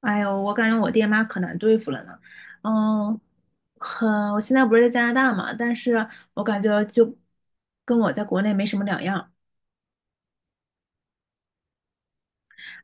哎呦，我感觉我爹妈可难对付了呢。嗯，很，我现在不是在加拿大嘛，但是我感觉就跟我在国内没什么两样。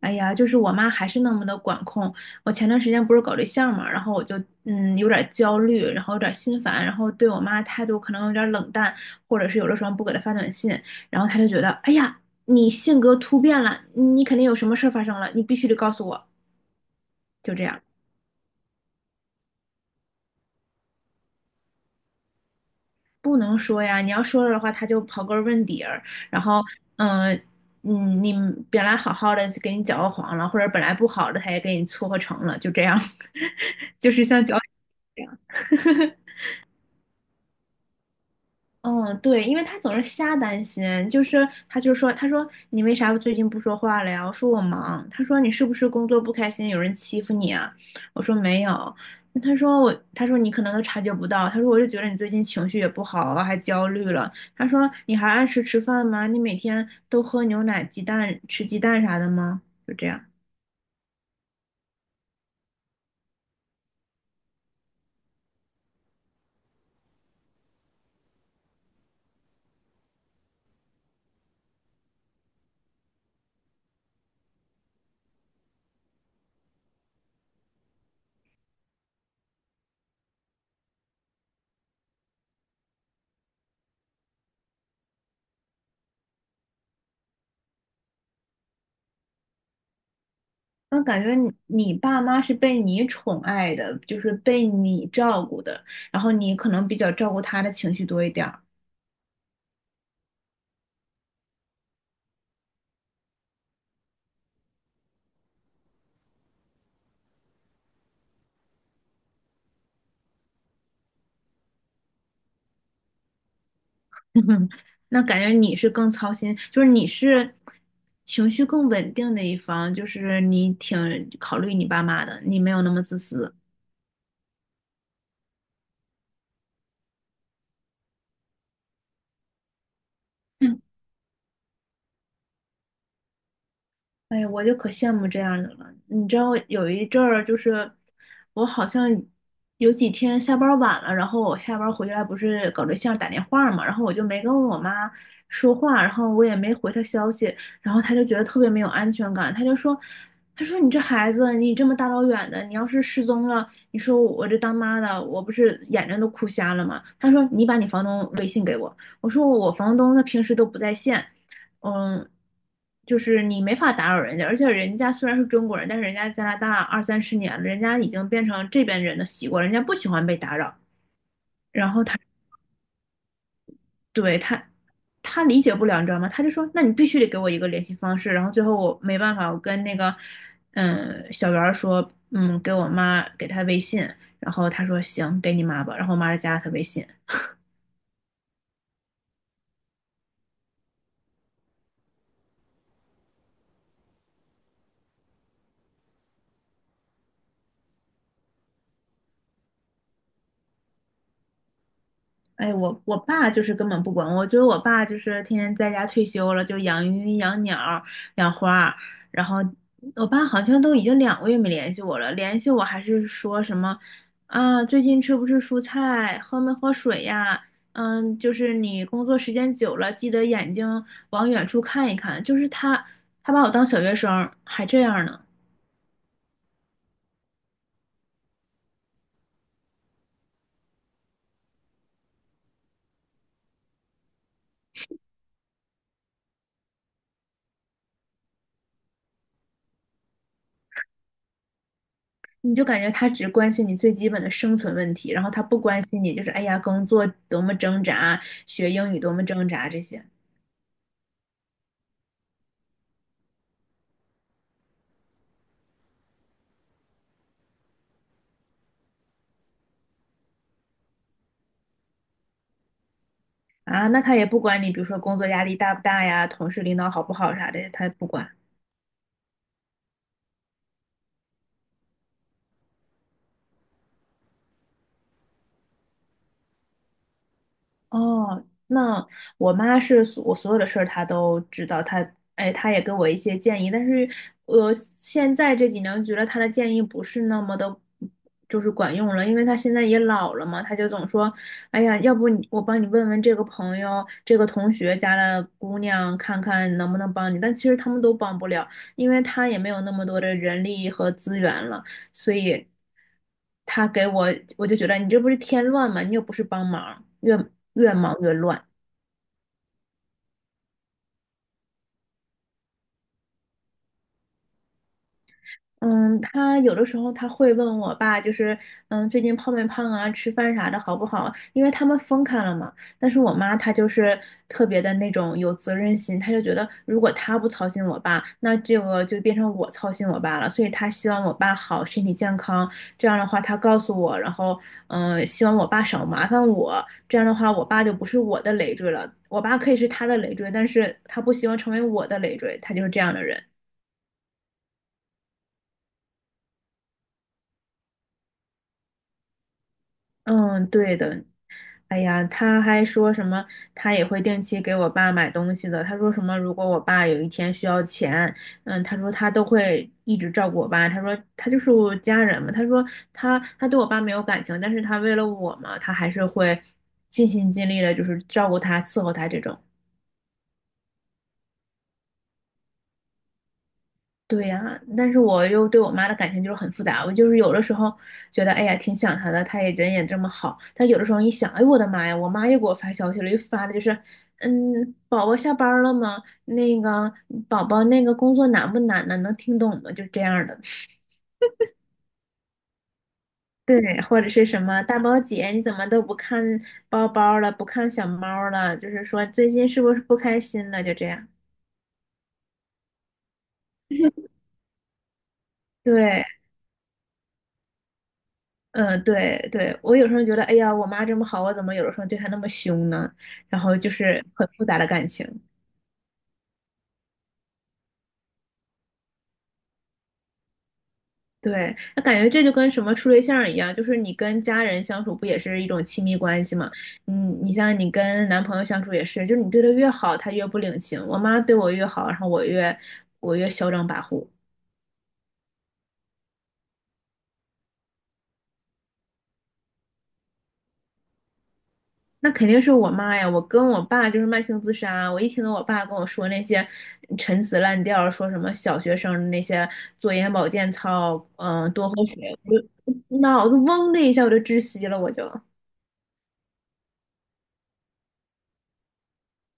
哎呀，就是我妈还是那么的管控。我前段时间不是搞对象嘛，然后我就有点焦虑，然后有点心烦，然后对我妈态度可能有点冷淡，或者是有的时候不给她发短信，然后她就觉得，哎呀，你性格突变了，你肯定有什么事儿发生了，你必须得告诉我，就这样。不能说呀，你要说了的话，他就刨根问底儿，然后，嗯、你本来好好的就给你搅和黄了，或者本来不好的，他也给你撮合成了，就这样，就是像搅。嗯，对，因为他总是瞎担心，就是他就说，他说你为啥最近不说话了呀？我说我忙。他说你是不是工作不开心，有人欺负你啊？我说没有。那他说我，他说你可能都察觉不到。他说我就觉得你最近情绪也不好啊，还焦虑了。他说你还按时吃饭吗？你每天都喝牛奶、鸡蛋、吃鸡蛋啥的吗？就这样。我感觉你爸妈是被你宠爱的，就是被你照顾的，然后你可能比较照顾他的情绪多一点儿。那感觉你是更操心，就是你是情绪更稳定的一方，就是你挺考虑你爸妈的，你没有那么自私。哎呀，我就可羡慕这样的了。你知道有一阵儿，就是我好像有几天下班儿晚了，然后我下班儿回来不是搞对象打电话嘛，然后我就没跟我妈说话，然后我也没回她消息，然后她就觉得特别没有安全感，她就说，她说你这孩子，你这么大老远的，你要是失踪了，你说我这当妈的，我不是眼睛都哭瞎了吗？她说你把你房东微信给我，我说我房东他平时都不在线。嗯，就是你没法打扰人家，而且人家虽然是中国人，但是人家加拿大二三十年了，人家已经变成这边人的习惯，人家不喜欢被打扰。然后他他理解不了，你知道吗？他就说：“那你必须得给我一个联系方式。”然后最后我没办法，我跟那个小袁儿说：“嗯，给我妈给他微信。”然后他说：“行，给你妈吧。”然后我妈就加了他微信。哎，我爸就是根本不管我，觉得我爸就是天天在家退休了，就养鱼、养鸟养花儿然后我爸好像都已经2个月没联系我了，联系我还是说什么啊，最近吃不吃蔬菜，喝没喝水呀？嗯，就是你工作时间久了，记得眼睛往远处看一看。就是他，他把我当小学生儿还这样呢。你就感觉他只关心你最基本的生存问题，然后他不关心你，就是哎呀，工作多么挣扎，学英语多么挣扎这些啊，那他也不管你，比如说工作压力大不大呀，同事领导好不好啥的，他也不管。哦，那我妈是我所有的事儿她都知道，她哎，她也给我一些建议，但是我现在这几年觉得她的建议不是那么的，就是管用了，因为她现在也老了嘛，她就总说，哎呀，要不我帮你问问这个朋友、这个同学家的姑娘，看看能不能帮你，但其实他们都帮不了，因为她也没有那么多的人力和资源了。所以他给我，我就觉得你这不是添乱吗？你又不是帮忙，越忙越乱。嗯，他有的时候他会问我爸，就是嗯，最近胖没胖啊，吃饭啥的好不好？因为他们分开了嘛。但是我妈她就是特别的那种有责任心，她就觉得如果她不操心我爸，那这个就变成我操心我爸了。所以她希望我爸好，身体健康。这样的话，她告诉我，然后嗯，希望我爸少麻烦我。这样的话，我爸就不是我的累赘了。我爸可以是他的累赘，但是他不希望成为我的累赘，他就是这样的人。嗯，对的。哎呀，他还说什么，他也会定期给我爸买东西的。他说什么，如果我爸有一天需要钱，嗯，他说他都会一直照顾我爸。他说他就是我家人嘛。他说他对我爸没有感情，但是他为了我嘛，他还是会尽心尽力的，就是照顾他、伺候他这种。对呀，但是我又对我妈的感情就是很复杂。我就是有的时候觉得，哎呀，挺想她的，她也人也这么好。但有的时候一想，哎，我的妈呀，我妈又给我发消息了，又发的就是，嗯，宝宝下班了吗？那个宝宝那个工作难不难呢？能听懂吗？就这样的。对，或者是什么大宝姐，你怎么都不看包包了，不看小猫了？就是说最近是不是不开心了？就这样。对，嗯，对对，我有时候觉得，哎呀，我妈这么好，我怎么有的时候对她那么凶呢？然后就是很复杂的感情。对，那感觉这就跟什么处对象儿一样，就是你跟家人相处不也是一种亲密关系吗？嗯，你像你跟男朋友相处也是，就是你对他越好，他越不领情。我妈对我越好，然后我越嚣张跋扈。那肯定是我妈呀！我跟我爸就是慢性自杀啊。我一听到我爸跟我说那些陈词滥调，说什么小学生那些做眼保健操，嗯，多喝水，我就 脑子嗡的一下我就窒息了，我就。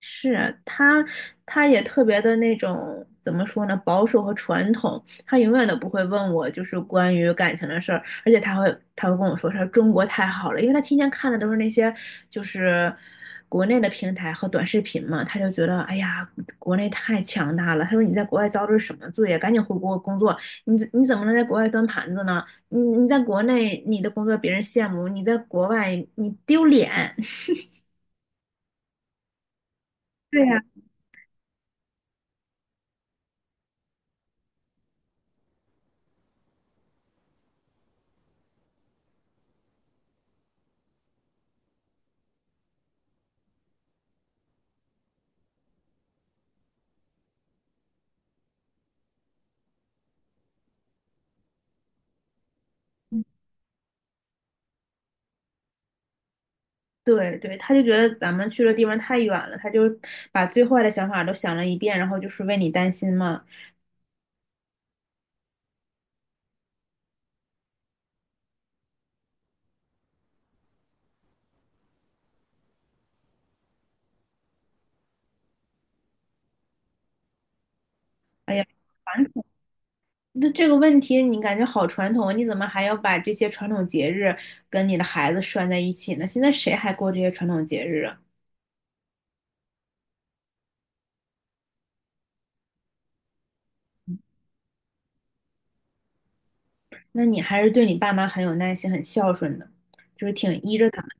是他，他也特别的那种怎么说呢，保守和传统。他永远都不会问我就是关于感情的事儿，而且他会跟我说他说中国太好了，因为他天天看的都是那些就是国内的平台和短视频嘛，他就觉得哎呀，国内太强大了。他说你在国外遭的是什么罪呀？赶紧回国工作，你怎么能在国外端盘子呢？你在国内你的工作别人羡慕，你在国外你丢脸。对呀。对对，他就觉得咱们去的地方太远了，他就把最坏的想法都想了一遍，然后就是为你担心嘛。哎呀，传统，那这个问题你感觉好传统啊，你怎么还要把这些传统节日跟你的孩子拴在一起呢？现在谁还过这些传统节日啊？那你还是对你爸妈很有耐心、很孝顺的，就是挺依着他们，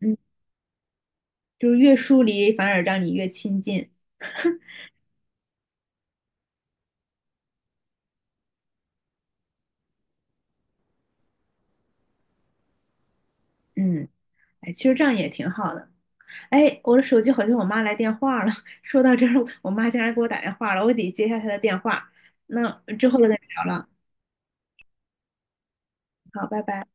嗯，就是越疏离反而让你越亲近，嗯，哎，其实这样也挺好的。哎，我的手机好像我妈来电话了。说到这儿，我妈竟然给我打电话了，我得接一下她的电话。那之后再跟你聊了，好，拜拜。